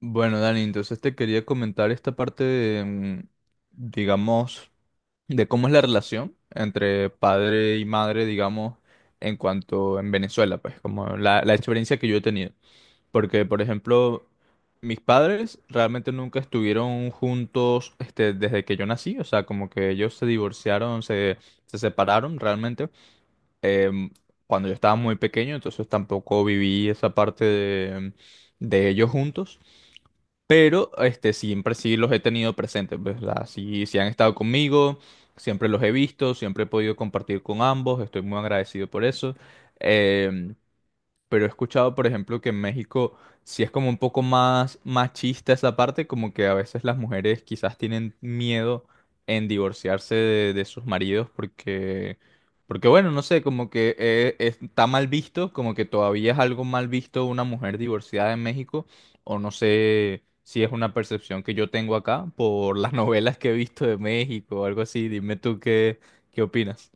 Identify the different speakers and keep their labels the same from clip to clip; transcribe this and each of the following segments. Speaker 1: Bueno, Dani, entonces te quería comentar esta parte de digamos, de cómo es la relación entre padre y madre, digamos, en cuanto en Venezuela, pues, como la experiencia que yo he tenido. Porque, por ejemplo, mis padres realmente nunca estuvieron juntos, este, desde que yo nací, o sea, como que ellos se divorciaron, se separaron realmente, em, cuando yo estaba muy pequeño, entonces tampoco viví esa parte de ellos juntos. Pero este, siempre sí los he tenido presentes, ¿verdad? Sí, han estado conmigo, siempre los he visto, siempre he podido compartir con ambos, estoy muy agradecido por eso. Em, pero he escuchado, por ejemplo, que en México sí es como un poco más machista esa parte, como que a veces las mujeres quizás tienen miedo en divorciarse de sus maridos, porque bueno, no sé, como que está mal visto, como que todavía es algo mal visto una mujer divorciada en México, o no sé si es una percepción que yo tengo acá por las novelas que he visto de México o algo así, dime tú qué opinas.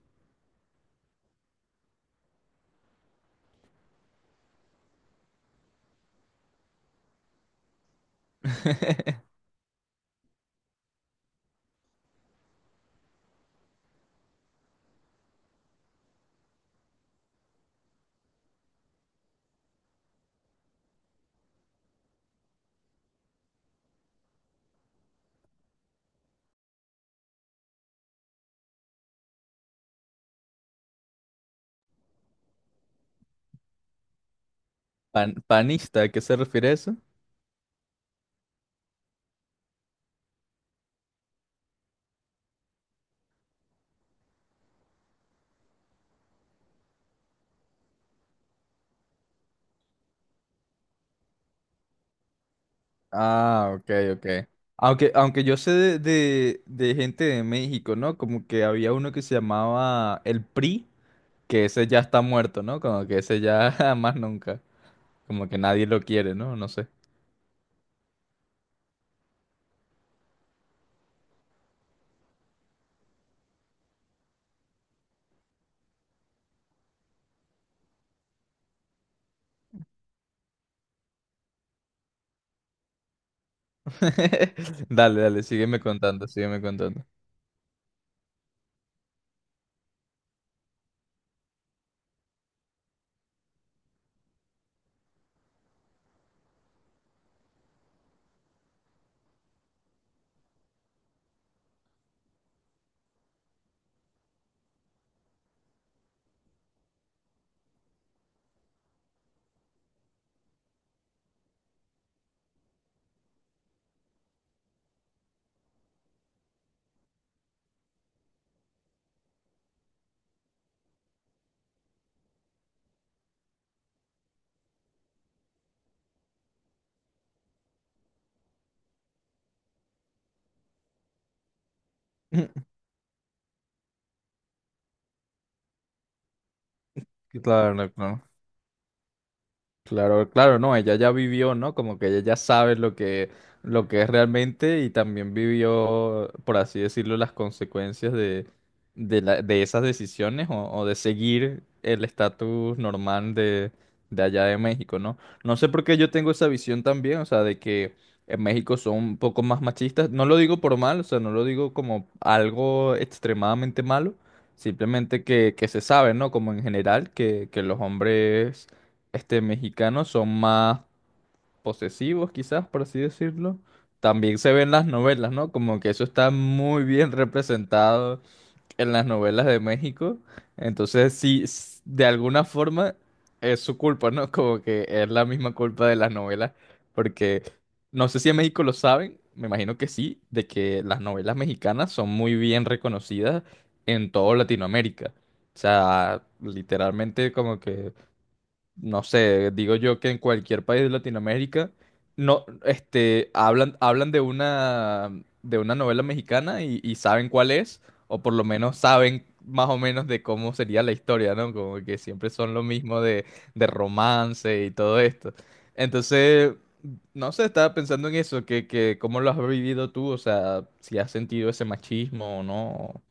Speaker 1: Pan- panista, ¿a qué se refiere eso? Ah, ok, ok. Aunque yo sé de gente de México, ¿no? Como que había uno que se llamaba el PRI, que ese ya está muerto, ¿no? Como que ese ya más nunca. Como que nadie lo quiere, ¿no? No sé. Dale, dale, sígueme contando, sígueme contando. Claro, claro. Claro, claro, no, ella ya vivió, ¿no? Como que ella ya sabe lo que es realmente y también vivió, por así decirlo, las consecuencias de, de esas decisiones o de seguir el estatus normal de allá de México, ¿no? No sé por qué yo tengo esa visión también, o sea, de que en México son un poco más machistas. No lo digo por mal, o sea, no lo digo como algo extremadamente malo, simplemente que se sabe, ¿no? Como en general, que los hombres este, mexicanos son más posesivos, quizás, por así decirlo. También se ven las novelas, ¿no? Como que eso está muy bien representado en las novelas de México. Entonces, sí, de alguna forma es su culpa, ¿no? Como que es la misma culpa de las novelas. Porque no sé si en México lo saben, me imagino que sí, de que las novelas mexicanas son muy bien reconocidas en toda Latinoamérica. O sea, literalmente como que no sé, digo yo que en cualquier país de Latinoamérica no, este, hablan de una novela mexicana y saben cuál es, o por lo menos saben más o menos de cómo sería la historia, ¿no? Como que siempre son lo mismo de romance y todo esto. Entonces, no sé, estaba pensando en eso, que cómo lo has vivido tú, o sea, si has sentido ese machismo o no.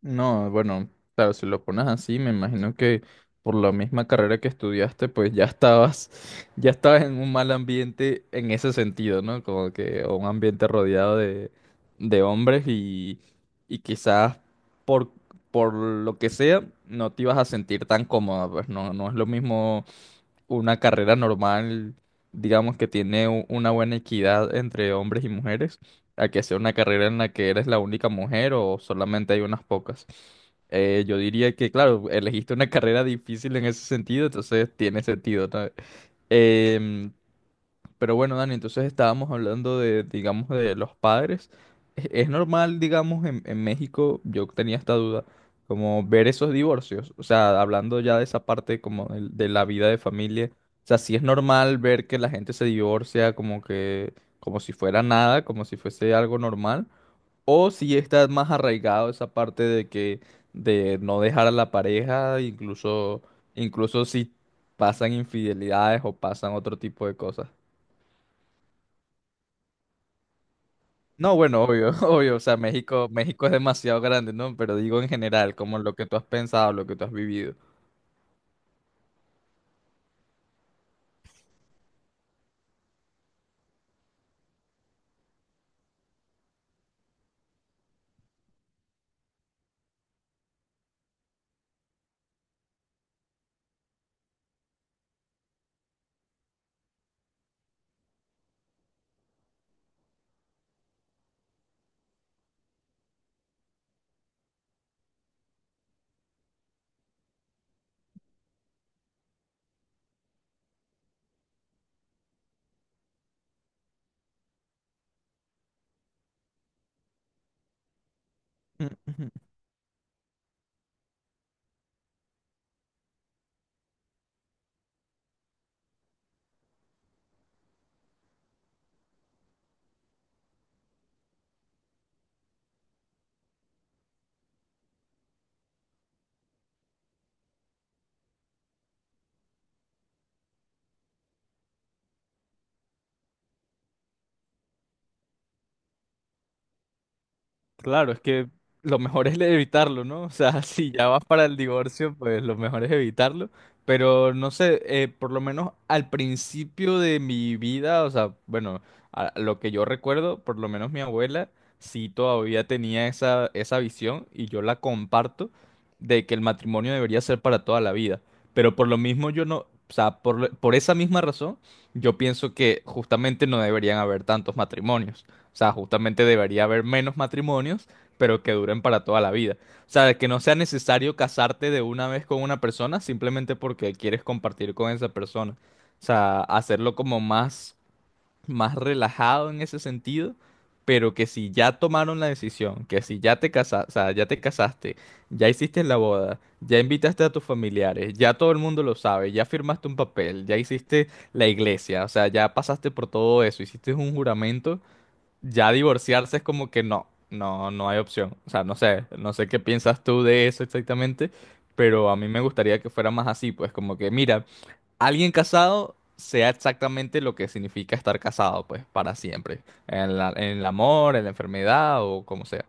Speaker 1: No, bueno, claro, si lo pones así, me imagino que por la misma carrera que estudiaste, pues ya estabas, ya estabas en un mal ambiente en ese sentido, ¿no? Como que o un ambiente rodeado de hombres y quizás por, por lo que sea, no te ibas a sentir tan cómoda, pues no, no es lo mismo una carrera normal, digamos que tiene una buena equidad entre hombres y mujeres, a que sea una carrera en la que eres la única mujer o solamente hay unas pocas. Yo diría que, claro, elegiste una carrera difícil en ese sentido, entonces tiene sentido, ¿sabes? Pero bueno, Dani, entonces estábamos hablando de, digamos, de los padres. Es normal, digamos, en México, yo tenía esta duda, como ver esos divorcios. O sea, hablando ya de esa parte como de la vida de familia. O sea, sí es normal ver que la gente se divorcia como que, como si fuera nada, como si fuese algo normal. O si está más arraigado esa parte de no dejar a la pareja, incluso, incluso si pasan infidelidades o pasan otro tipo de cosas. No, bueno, obvio, obvio, o sea, México, México es demasiado grande, ¿no? Pero digo en general, como lo que tú has pensado, lo que tú has vivido. Claro, es que lo mejor es evitarlo, ¿no? O sea, si ya vas para el divorcio, pues lo mejor es evitarlo. Pero no sé, por lo menos al principio de mi vida, o sea, bueno, a lo que yo recuerdo, por lo menos mi abuela sí todavía tenía esa visión y yo la comparto de que el matrimonio debería ser para toda la vida. Pero por lo mismo yo no, o sea, por esa misma razón, yo pienso que justamente no deberían haber tantos matrimonios. O sea, justamente debería haber menos matrimonios, pero que duren para toda la vida. O sea, que no sea necesario casarte de una vez con una persona simplemente porque quieres compartir con esa persona. O sea, hacerlo como más, más relajado en ese sentido, pero que si ya tomaron la decisión, que si ya o sea, ya te casaste, ya hiciste la boda, ya invitaste a tus familiares, ya todo el mundo lo sabe, ya firmaste un papel, ya hiciste la iglesia, o sea, ya pasaste por todo eso, hiciste un juramento, ya divorciarse es como que no, no, no hay opción. O sea, no sé, no sé qué piensas tú de eso exactamente, pero a mí me gustaría que fuera más así, pues como que, mira, alguien casado sea exactamente lo que significa estar casado, pues para siempre, en el amor, en la enfermedad o como sea.